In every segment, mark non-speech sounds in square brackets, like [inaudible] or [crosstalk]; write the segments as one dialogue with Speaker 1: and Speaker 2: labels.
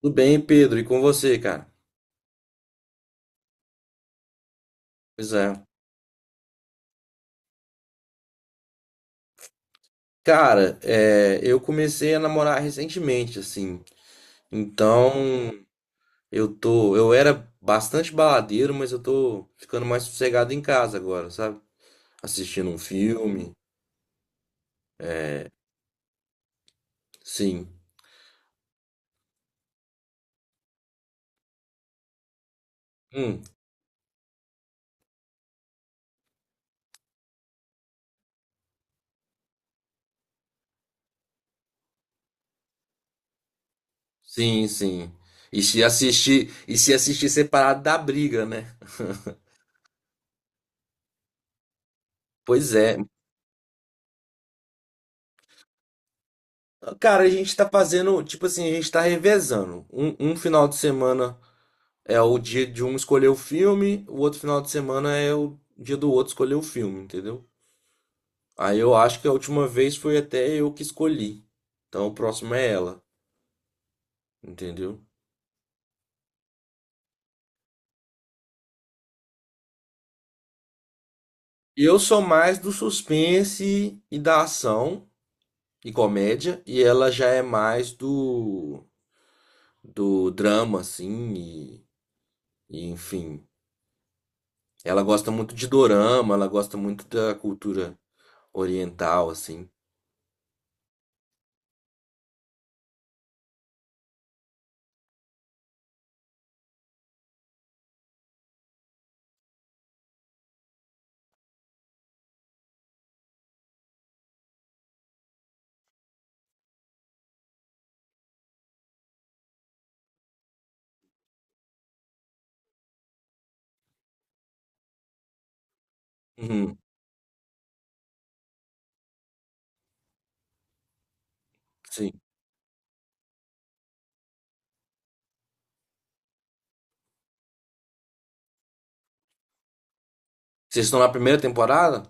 Speaker 1: Tudo bem, Pedro? E com você, cara? Pois é. Cara, eu comecei a namorar recentemente, assim. Então, eu era bastante baladeiro, mas eu tô ficando mais sossegado em casa agora, sabe? Assistindo um filme. Sim. Hum, sim, sim. E se assistir separado da briga, né? Pois é. Cara, a gente tá fazendo, tipo assim, a gente tá revezando. Um final de semana é o dia de um escolher o filme, o outro final de semana é o dia do outro escolher o filme, entendeu? Aí eu acho que a última vez foi até eu que escolhi. Então o próximo é ela, entendeu? Eu sou mais do suspense e da ação e comédia, e ela já é mais do drama, assim, e enfim. Ela gosta muito de dorama, ela gosta muito da cultura oriental, assim. Uhum, sim. Vocês estão na primeira temporada?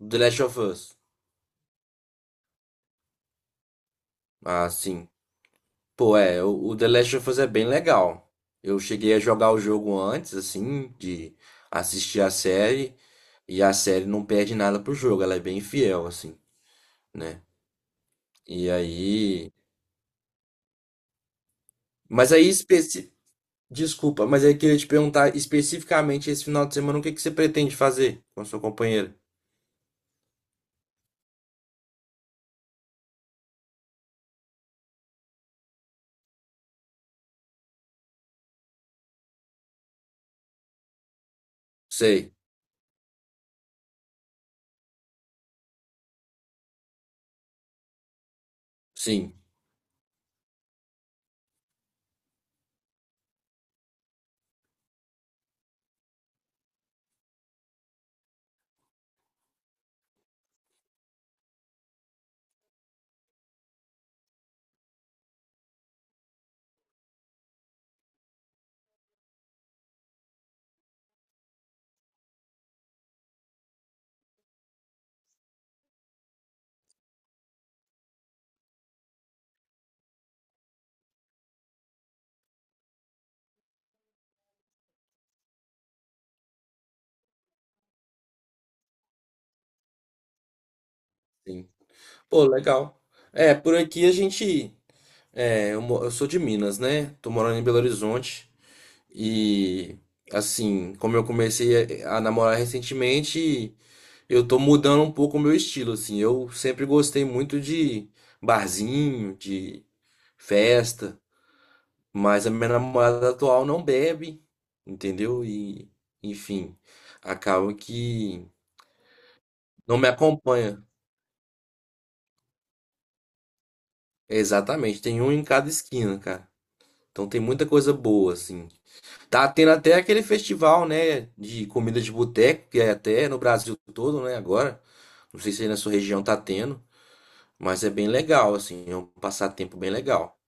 Speaker 1: Do The Last of Us. Ah, sim. Pô, é, o The Last of Us é bem legal. Eu cheguei a jogar o jogo antes, assim, de assistir a série, e a série não perde nada pro jogo, ela é bem fiel, assim, né? E aí. Mas aí, especi... Desculpa, mas aí eu queria te perguntar especificamente esse final de semana, o que que você pretende fazer com a sua companheira? Sei, sim, sim. Pô, legal. É, por aqui a gente. Eu sou de Minas, né? Tô morando em Belo Horizonte. E assim, como eu comecei a namorar recentemente, eu tô mudando um pouco o meu estilo, assim. Eu sempre gostei muito de barzinho, de festa, mas a minha namorada atual não bebe, entendeu? E, enfim, acaba que não me acompanha. Exatamente, tem um em cada esquina, cara. Então tem muita coisa boa, assim. Tá tendo até aquele festival, né, de comida de boteco, que é até no Brasil todo, né, agora. Não sei se aí na sua região tá tendo, mas é bem legal, assim, é um passatempo bem legal.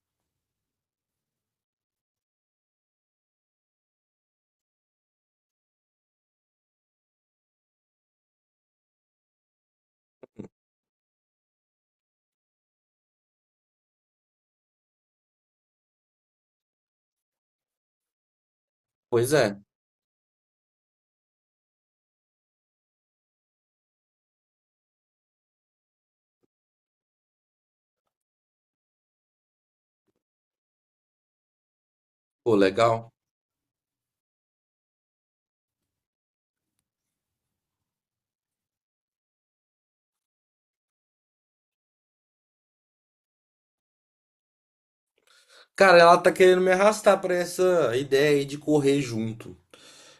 Speaker 1: Pois é, pô, legal. Cara, ela tá querendo me arrastar pra essa ideia aí de correr junto.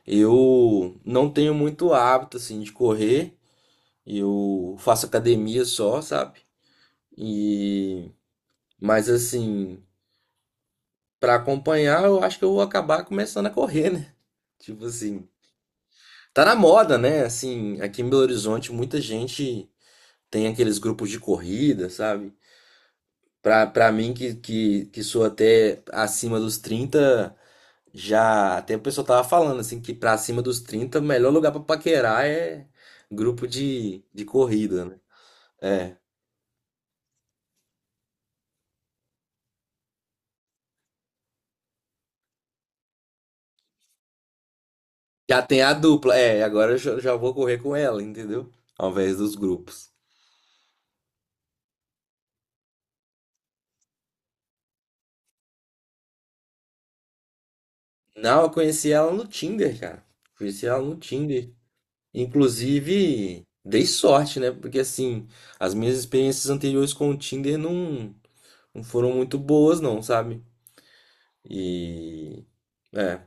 Speaker 1: Eu não tenho muito hábito, assim, de correr. Eu faço academia só, sabe? E... Mas, assim, pra acompanhar, eu acho que eu vou acabar começando a correr, né? [laughs] Tipo assim, tá na moda, né? Assim, aqui em Belo Horizonte, muita gente tem aqueles grupos de corrida, sabe? Pra mim, que sou até acima dos 30, já até o pessoal tava falando, assim, que pra acima dos 30 o melhor lugar pra paquerar é grupo de corrida, né? É. Já tem a dupla, é, agora eu já vou correr com ela, entendeu? Ao invés dos grupos. Não, eu conheci ela no Tinder, cara. Conheci ela no Tinder. Inclusive, dei sorte, né? Porque assim, as minhas experiências anteriores com o Tinder não foram muito boas, não, sabe? E é.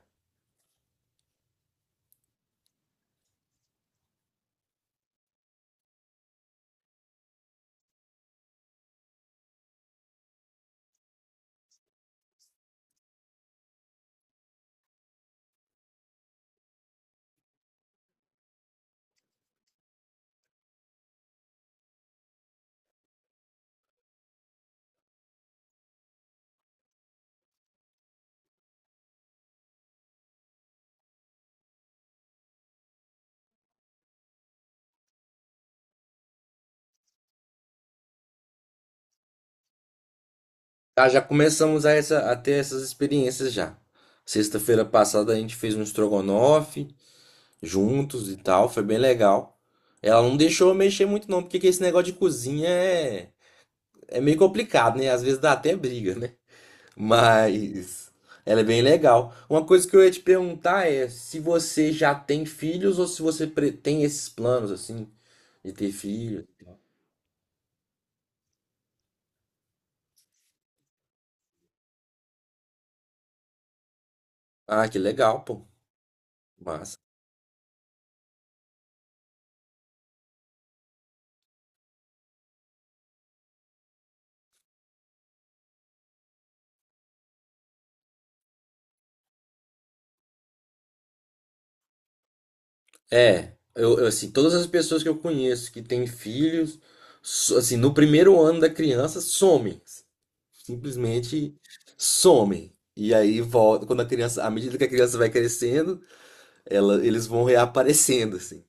Speaker 1: Ah, já começamos a ter essas experiências já. Sexta-feira passada a gente fez um estrogonofe juntos e tal, foi bem legal. Ela não deixou eu mexer muito não, porque que esse negócio de cozinha é, é meio complicado, né? Às vezes dá até briga, né? Mas ela é bem legal. Uma coisa que eu ia te perguntar é se você já tem filhos ou se você tem esses planos assim de ter filhos. Ah, que legal, pô. Massa. Assim, todas as pessoas que eu conheço que têm filhos, assim, no primeiro ano da criança somem, simplesmente somem. E aí volta quando a criança, à medida que a criança vai crescendo, eles vão reaparecendo assim.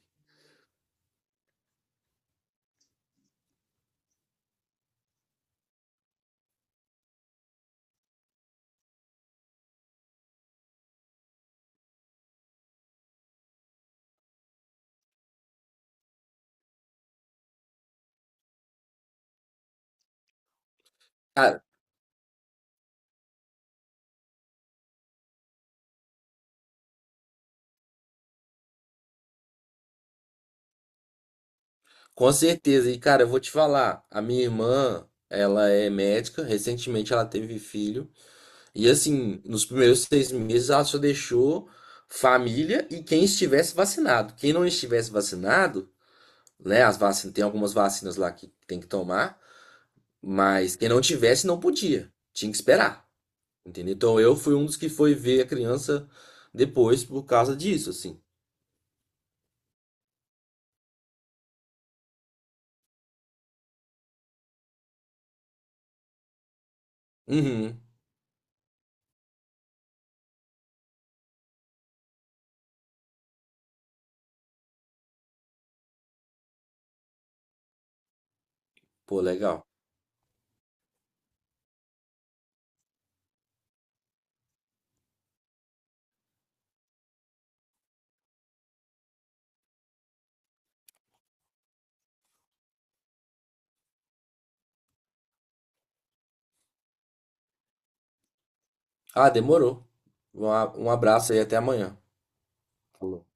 Speaker 1: Com certeza. E, cara, eu vou te falar, a minha irmã, ela é médica, recentemente ela teve filho, e assim, nos primeiros 6 meses ela só deixou família e quem estivesse vacinado. Quem não estivesse vacinado, né, as vacinas, tem algumas vacinas lá que tem que tomar, mas quem não tivesse não podia, tinha que esperar, entendeu? Então eu fui um dos que foi ver a criança depois por causa disso, assim. Uhum. Pô, legal. Ah, demorou. Um abraço aí, até amanhã. Falou.